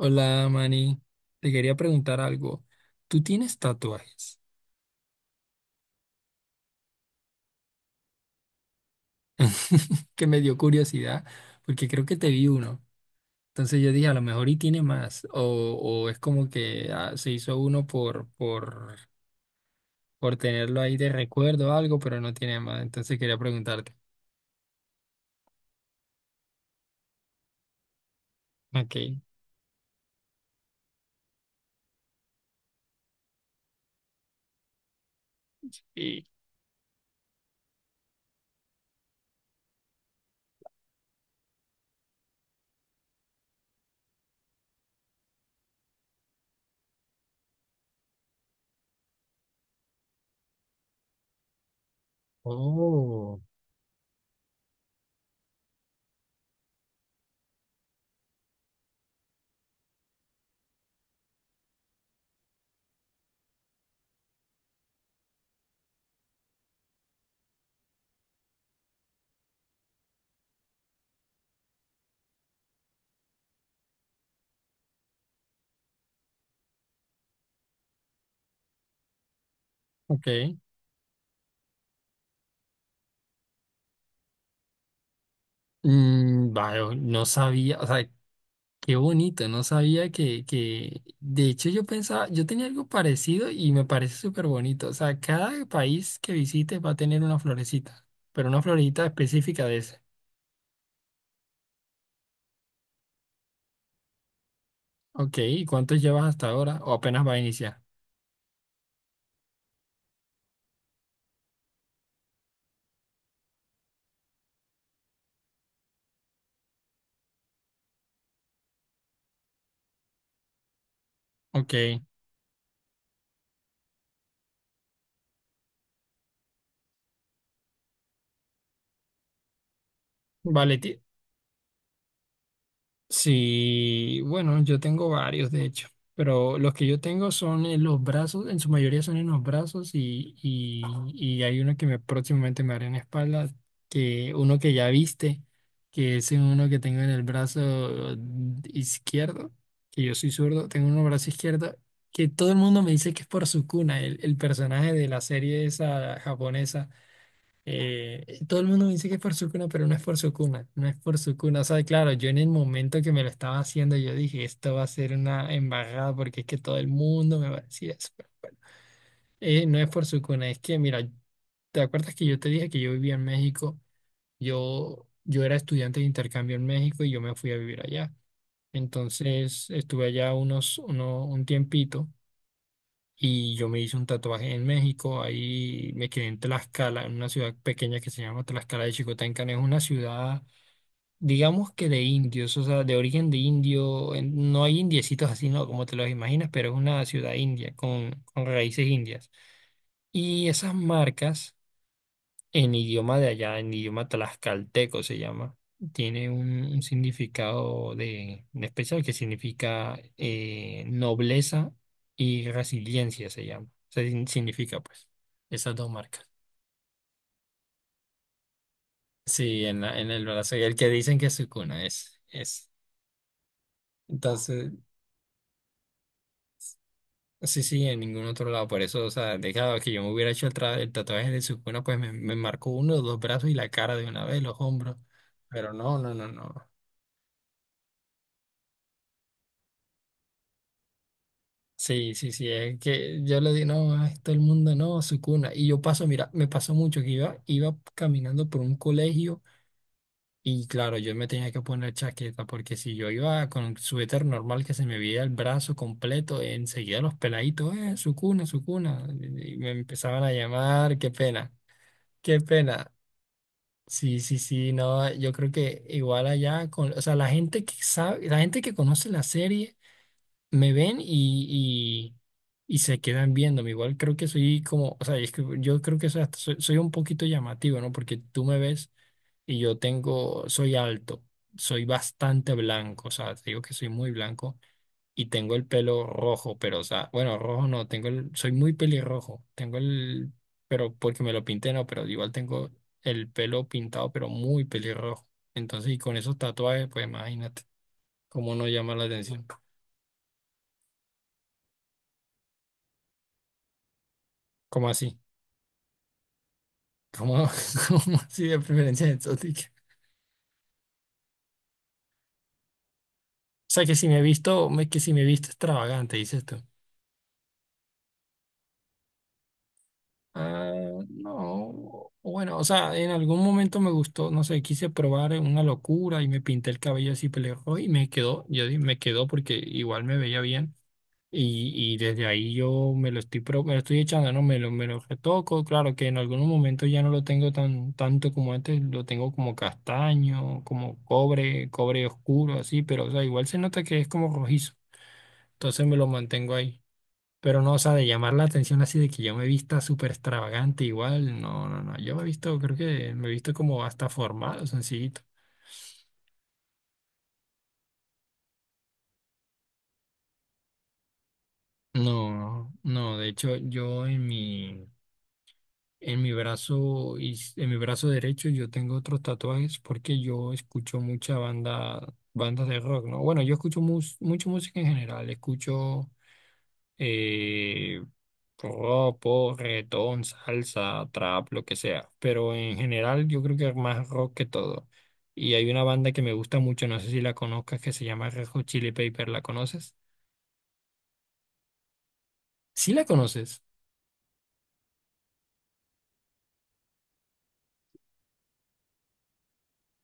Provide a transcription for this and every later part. Hola, Manny. Te quería preguntar algo. ¿Tú tienes tatuajes? Que me dio curiosidad porque creo que te vi uno. Entonces yo dije, a lo mejor y tiene más. O es como que se hizo uno por tenerlo ahí de recuerdo o algo, pero no tiene más. Entonces quería preguntarte. Ok. Y... Oh, ok. Vaya, no sabía. O sea, qué bonito, no sabía que, de hecho yo pensaba, yo tenía algo parecido y me parece súper bonito. O sea, cada país que visites va a tener una florecita, pero una florecita específica de ese. Ok, ¿y cuántos llevas hasta ahora? ¿O apenas va a iniciar? Ok, vale, sí, bueno, yo tengo varios de hecho, pero los que yo tengo son en los brazos, en su mayoría son en los brazos y hay uno próximamente me haré en la espalda, que uno que ya viste, que es uno que tengo en el brazo izquierdo, que yo soy zurdo, tengo un brazo izquierdo, que todo el mundo me dice que es por Sukuna, el personaje de la serie esa japonesa. Eh, todo el mundo me dice que es por su cuna, pero no es por su cuna, no es por su cuna. O sea, claro, yo en el momento que me lo estaba haciendo, yo dije, esto va a ser una embarrada porque es que todo el mundo me va a decir eso. No es por su cuna, es que, mira, ¿te acuerdas que yo te dije que yo vivía en México? Yo era estudiante de intercambio en México y yo me fui a vivir allá. Entonces, estuve allá un tiempito. Y yo me hice un tatuaje en México, ahí me quedé en Tlaxcala, en una ciudad pequeña que se llama Tlaxcala de Xicoténcan. Es una ciudad, digamos que de indios, o sea, de origen de indio. No hay indiecitos así, ¿no? Como te los imaginas, pero es una ciudad india, con, raíces indias. Y esas marcas en idioma de allá, en idioma tlaxcalteco se llama, tiene un significado de especial que significa nobleza y resiliencia se llama. Se sin- significa pues esas dos marcas. Sí, en el brazo, y el que dicen que es su cuna es. Entonces, sí, sí, en ningún otro lado. Por eso, o sea, dejado que yo me hubiera hecho el tatuaje de su cuna, pues me marcó uno, dos brazos y la cara de una vez, los hombros. Pero no, no, no, no. Sí, sí, sí, es que yo le di, no, a todo el mundo, no, su cuna. Y yo paso, mira, me pasó mucho que iba caminando por un colegio y claro, yo me tenía que poner chaqueta porque si yo iba con un suéter normal que se me veía el brazo completo, enseguida los peladitos, su cuna, y me empezaban a llamar, qué pena, qué pena. Sí, sí, sí, no, yo creo que igual allá, o sea, la gente que sabe, la gente que conoce la serie me ven y se quedan viéndome. Igual creo que soy como, o sea, es que yo creo que soy, soy un poquito llamativo, ¿no? Porque tú me ves y yo tengo, soy alto, soy bastante blanco, o sea, te digo que soy muy blanco y tengo el pelo rojo, pero, o sea, bueno, rojo no, tengo el, soy muy pelirrojo, tengo el, pero porque me lo pinté, no, pero igual tengo el pelo pintado, pero muy pelirrojo. Entonces, y con esos tatuajes, pues imagínate cómo no llama la atención. ¿Cómo así? ¿Cómo, cómo así de preferencia exótica? O sea, que si me he visto, que si me he visto extravagante, dices tú. Ah, no. Bueno, o sea, en algún momento me gustó, no sé, quise probar una locura y me pinté el cabello así pelirrojo y me quedó, me quedó porque igual me veía bien. Y desde ahí yo me lo estoy echando, ¿no? Me lo retoco. Claro que en algunos momentos ya no lo tengo tanto como antes, lo tengo como castaño, como cobre, cobre oscuro, así, pero o sea, igual se nota que es como rojizo. Entonces me lo mantengo ahí. Pero no, o sea, de llamar la atención así de que yo me vista súper extravagante, igual, no, no, no. Yo me he visto, creo que me he visto como hasta formal, sencillito. No, no, de hecho, yo en mi. En mi brazo, y en mi brazo derecho yo tengo otros tatuajes porque yo escucho bandas de rock, ¿no? Bueno, yo escucho mucha música en general, escucho eh, rock, pop, reggaetón, salsa, trap, lo que sea, pero en general yo creo que más rock que todo. Y hay una banda que me gusta mucho, no sé si la conozcas, que se llama Red Hot Chili Pepper, ¿la conoces? Sí la conoces,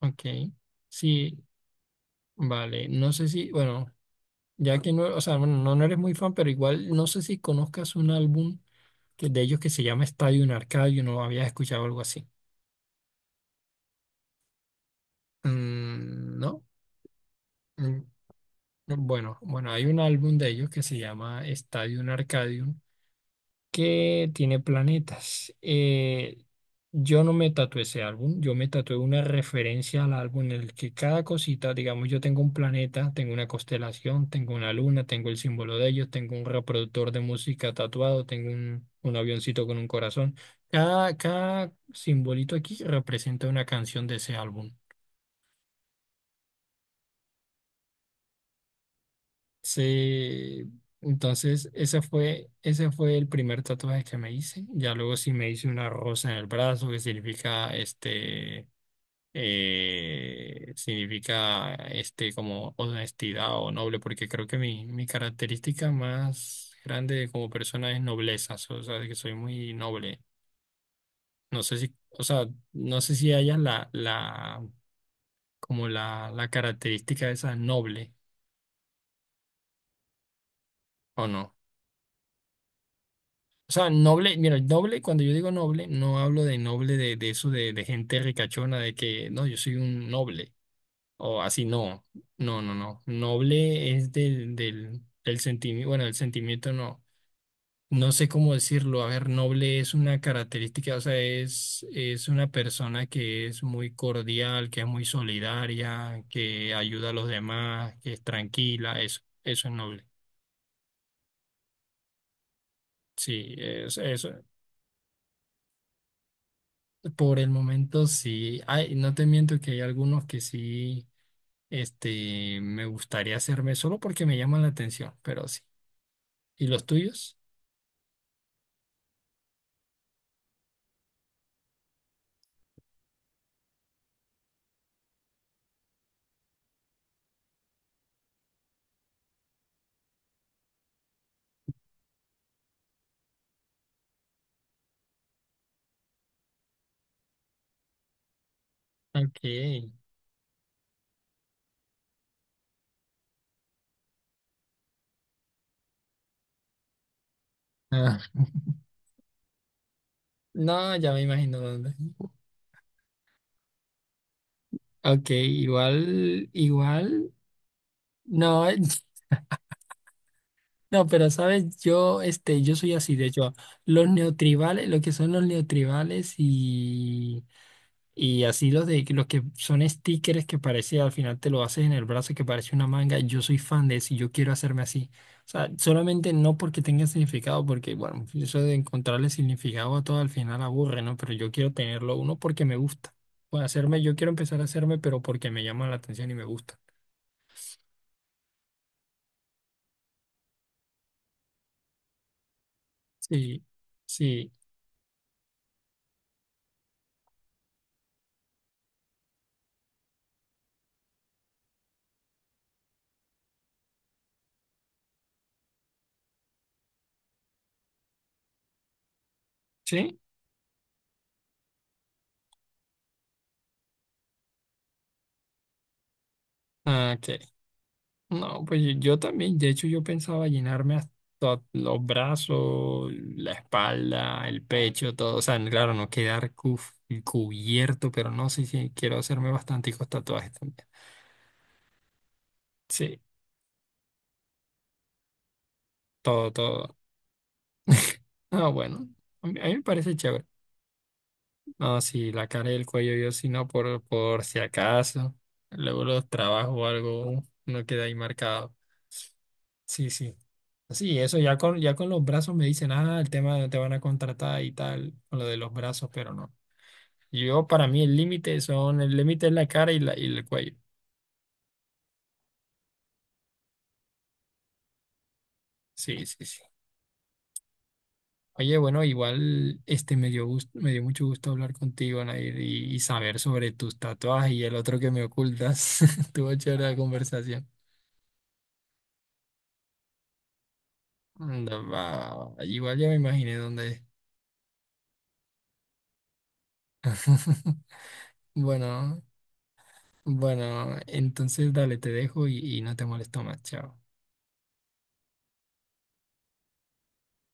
ok, sí, vale, no sé si, bueno. Ya que no, o sea, bueno, no, no eres muy fan, pero igual no sé si conozcas un álbum de ellos que se llama Stadium Arcadium, no habías escuchado algo así. Mm, no. Mm, Bueno, bueno, hay un álbum de ellos que se llama Stadium Arcadium que tiene planetas. Yo no me tatué ese álbum, yo me tatué una referencia al álbum en el que cada cosita, digamos, yo tengo un planeta, tengo una constelación, tengo una luna, tengo el símbolo de ellos, tengo un reproductor de música tatuado, tengo un, avioncito con un corazón. Cada simbolito aquí representa una canción de ese álbum. Sí, entonces ese fue el primer tatuaje que me hice. Ya luego sí me hice una rosa en el brazo que significa como honestidad o noble, porque creo que mi característica más grande como persona es nobleza, o sea, que soy muy noble. No sé si, o sea, no sé si hayas la, la, como la característica esa noble o no. O sea, noble, mira, el noble, cuando yo digo noble, no hablo de noble de eso de gente ricachona, de que no, yo soy un noble, o así, no, no, no, no. Noble es del sentimiento, bueno, el sentimiento no, no sé cómo decirlo. A ver, noble es una característica, o sea, es una persona que es muy cordial, que es muy solidaria, que ayuda a los demás, que es tranquila, eso es noble. Sí, eso, por el momento sí, hay, no te miento que hay algunos que sí, me gustaría hacerme solo porque me llaman la atención, pero sí. ¿Y los tuyos? Ok. Ah, no, ya me imagino dónde. Ok, igual, igual, no, no, pero sabes, yo soy así, de hecho, los neotribales, lo que son los neotribales y así los de los que son stickers que parece al final te lo haces en el brazo que parece una manga. Yo soy fan de eso y yo quiero hacerme así. O sea, solamente no porque tenga significado, porque bueno, eso de encontrarle significado a todo al final aburre, ¿no? Pero yo quiero tenerlo uno porque me gusta. Bueno, yo quiero empezar a hacerme, pero porque me llama la atención y me gusta. Sí, sí, sí. Ah, ok. No, pues yo también, de hecho yo pensaba llenarme hasta los brazos, la espalda, el pecho, todo, o sea, claro, no quedar cubierto, pero no sé si quiero hacerme bastanticos tatuajes también. Sí, todo, todo. Ah, bueno, a mí me parece chévere. No, sí, la cara y el cuello yo sí no, por si acaso, luego los trabajos o algo, no queda ahí marcado. Sí, sí. Sí, eso ya ya con los brazos me dicen, ah, el tema de te van a contratar y tal, con lo de los brazos, pero no. Yo, para mí, el límite es la cara y el cuello. Sí, sí, sí. Oye, bueno, igual me dio mucho gusto hablar contigo, Nair, y saber sobre tus tatuajes y el otro que me ocultas. Tuvo chévere la conversación. Anda, va. Igual ya me imaginé dónde es. Bueno, bueno, entonces dale, te dejo y no te molesto más. Chao.